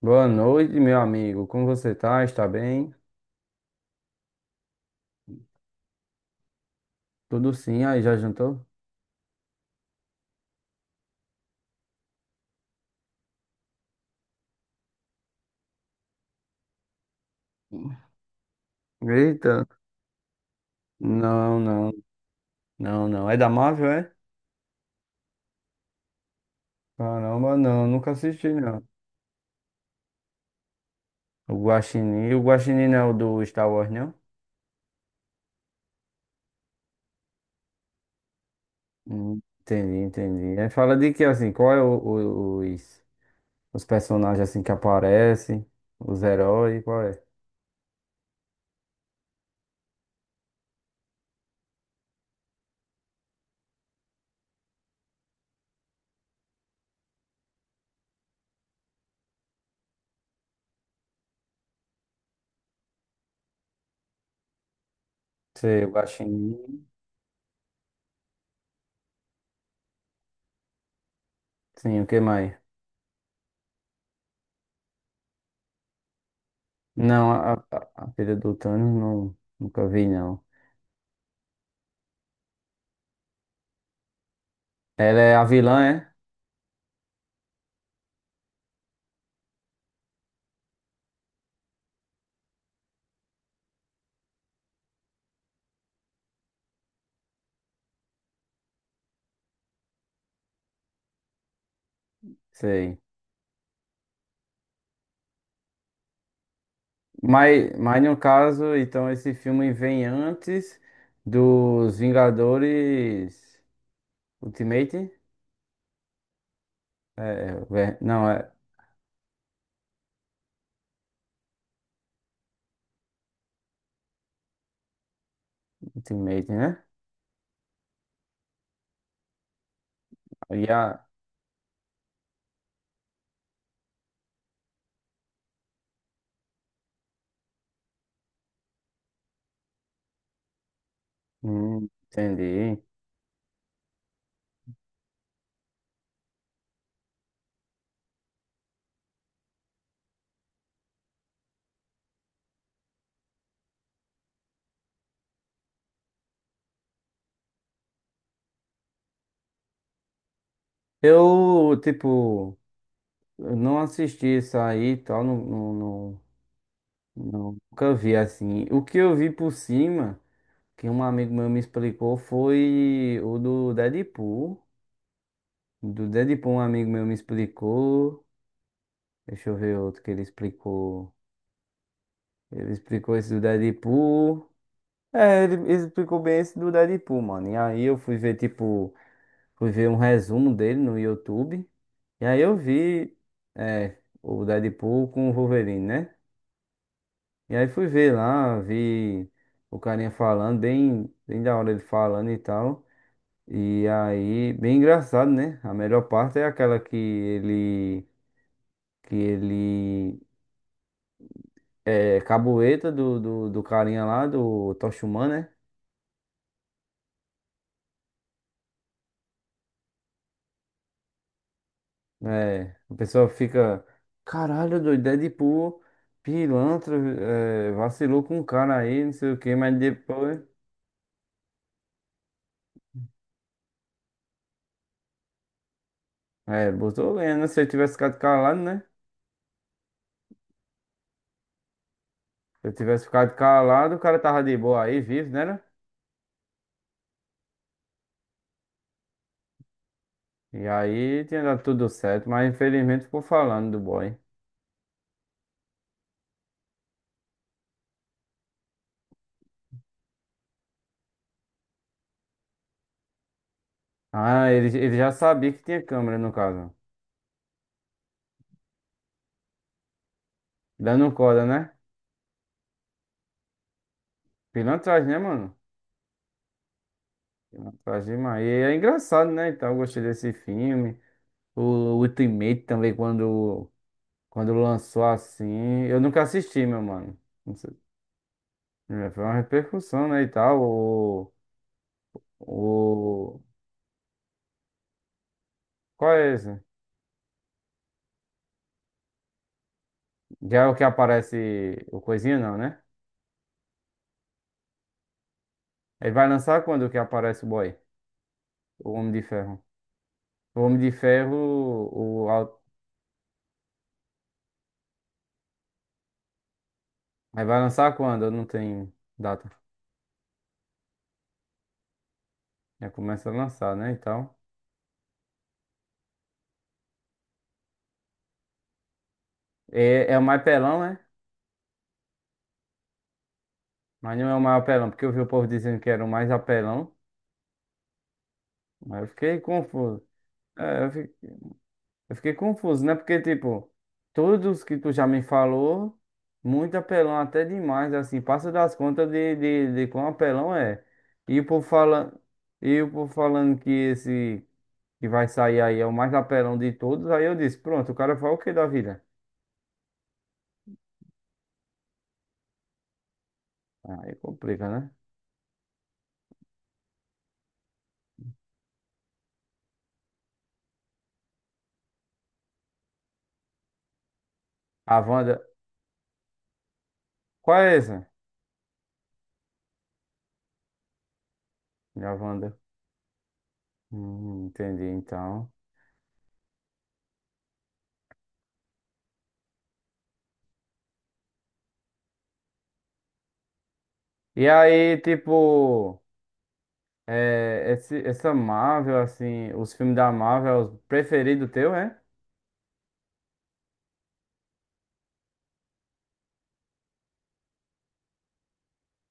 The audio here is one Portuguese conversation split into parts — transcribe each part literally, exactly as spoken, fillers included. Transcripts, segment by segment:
Boa noite, meu amigo. Como você tá? Está bem? Tudo sim. Aí, já jantou? Eita. Não, não, não, não. É da Marvel, é? Caramba, não. Nunca assisti, não. O Guaxinim. O Guaxinim não é o do Star Wars, não? Hum, entendi, entendi. Aí fala de que, assim, qual é o- o- os, os personagens, assim, que aparecem? Os heróis, qual é? Sei, o Guaxinim. Sim, o que mais? Não, a, a, a filha do Thanos, não, nunca vi, não. Ela é a vilã, é? Sei. Mas, mas no caso, então esse filme vem antes dos Vingadores Ultimate? É, ver- não, é Ultimate, né? E a- hum, entendi. Eu, tipo, eu não assisti isso aí e tal, não, não, não- nunca vi assim. O que eu vi por cima, que um amigo meu me explicou, foi o do Deadpool. Do Deadpool, um amigo meu me explicou. Deixa eu ver outro que ele explicou. Ele explicou esse do Deadpool. É, ele ele explicou bem esse do Deadpool, mano. E aí eu fui ver, tipo, fui ver um resumo dele no YouTube. E aí eu vi, é, o Deadpool com o Wolverine, né? E aí fui ver lá, vi o carinha falando, bem, bem da hora ele falando e tal. E aí, bem engraçado, né? A melhor parte é aquela que ele, que ele é, cabueta do, do, do carinha lá, do Tocha Humana, né? É, a pessoa fica, caralho, doido, Deadpool, pilantra, é, vacilou com o cara aí, não sei o que, mas depois, é, botou lenha, né? Se eu tivesse ficado calado, né? Se eu tivesse ficado calado, o cara tava de boa aí, vivo, né? Né? E aí tinha dado tudo certo, mas infelizmente ficou falando do boy. Ah, ele, ele já sabia que tinha câmera, no caso. Dando corda, né? Pilantragem, né, mano? Faz demais. E é engraçado, né? Então, eu gostei desse filme. O Ultimate também, quando, quando lançou assim. Eu nunca assisti, meu mano. Não sei. É, foi uma repercussão, né? E tal. O, o... Qual é esse? Já é o que aparece o coisinha, não, né? Ele vai lançar quando o que aparece o boy? O Homem de Ferro. O Homem de Ferro. O... au- Aí vai lançar quando? Não tem data. Já começa a lançar, né? E tal. É, é o mais pelão, né? Mas não é o mais apelão, porque eu vi o povo dizendo que era o mais apelão. Mas eu fiquei confuso. É, eu fi- eu fiquei confuso, né? Porque, tipo, todos que tu já me falou, muito apelão, até demais, assim, passa das contas de, de, de quão apelão é. E o povo fala e o povo falando que esse que vai sair aí é o mais apelão de todos, aí eu disse, pronto, o cara fala o que da vida? Aí complica, né? A Wanda, qual é essa? A Wanda. Hum, entendi, então. E aí, tipo, é, esse, essa Marvel, assim, os filmes da Marvel, é o preferido teu, é?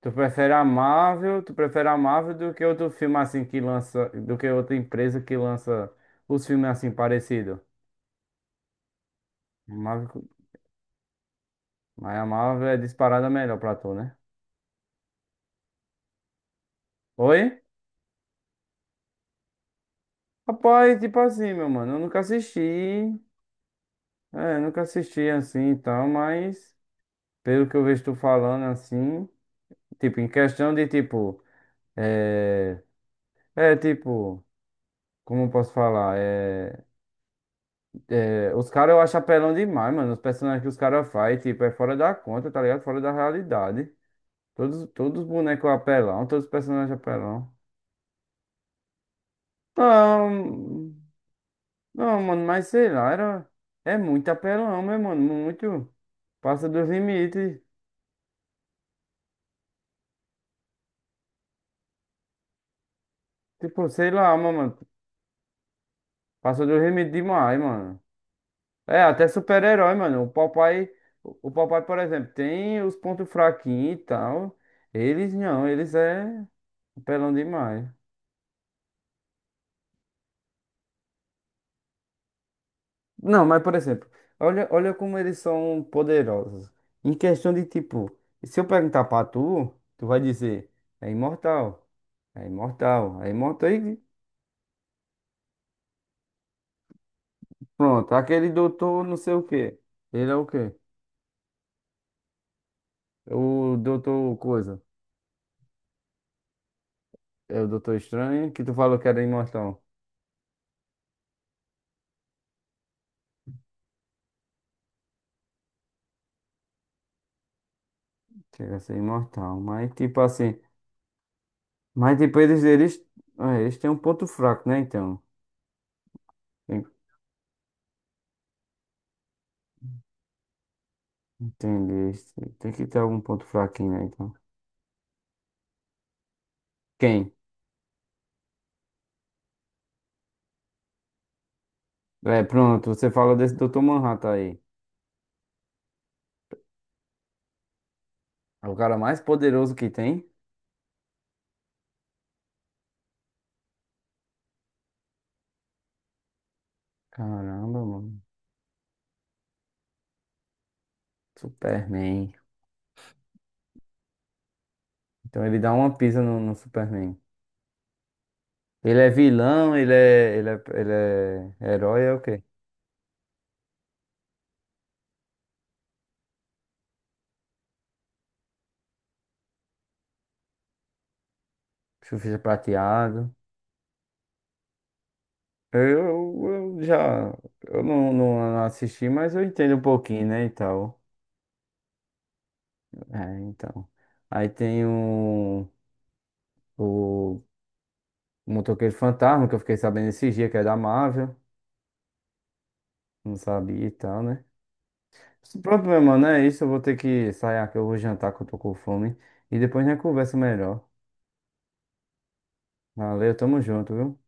Tu prefere a Marvel, tu prefere a Marvel do que outro filme assim que lança, do que outra empresa que lança os filmes assim parecido Marvel, mas a Marvel é disparada melhor pra tu, né? Oi? Rapaz, tipo assim, meu mano, eu nunca assisti, é, nunca assisti assim e tal, mas pelo que eu vejo tu falando assim, tipo, em questão de tipo. É, é tipo, como eu posso falar? É, é, os caras eu acho apelão demais, mano. Os personagens que os caras fazem, tipo, é fora da conta, tá ligado? Fora da realidade. Todos, todos os bonecos apelão, todos os personagens apelão. Não, não, mano, mas sei lá, era, é muito apelão, meu mano. Muito. Passa dos limites. Tipo, sei lá, mano. Passa dos limites demais, mano. É, até super-herói, mano. O papai, o o papai, por exemplo, tem os pontos fraquinhos e tal. Eles não, eles é apelão demais. Não, mas por exemplo, olha, olha como eles são poderosos. Em questão de tipo, se eu perguntar pra tu, tu vai dizer, é imortal, é imortal, é imortal e pronto. Aquele doutor não sei o quê. Ele é o quê? O doutor coisa. É o doutor estranho que tu falou que era imortal. Chega a ser imortal, mas tipo assim. Mas tipo, eles, eles, é, eles têm um ponto fraco, né? Então. En- Entendi. Eles têm- tem que ter algum ponto fraquinho, né? Então. Quem? É, pronto, você falou desse doutor Manhattan aí. É o cara mais poderoso que tem. Caramba, mano. Superman. Então ele dá uma pisa no, no Superman. Ele é vilão, ele é, ele é, ele é herói, é o quê? Surfista prateado. Eu, eu já. Eu não, não assisti, mas eu entendo um pouquinho, né? E tal. É, então. Aí tem o, o Motoqueiro Fantasma, que eu fiquei sabendo esse dia, que é da Marvel. Não sabia e tal, né? Pronto, meu mano, é isso. Eu vou ter que sair aqui, eu vou jantar, que eu tô com fome. E depois a gente conversa melhor. Valeu, tamo junto, viu?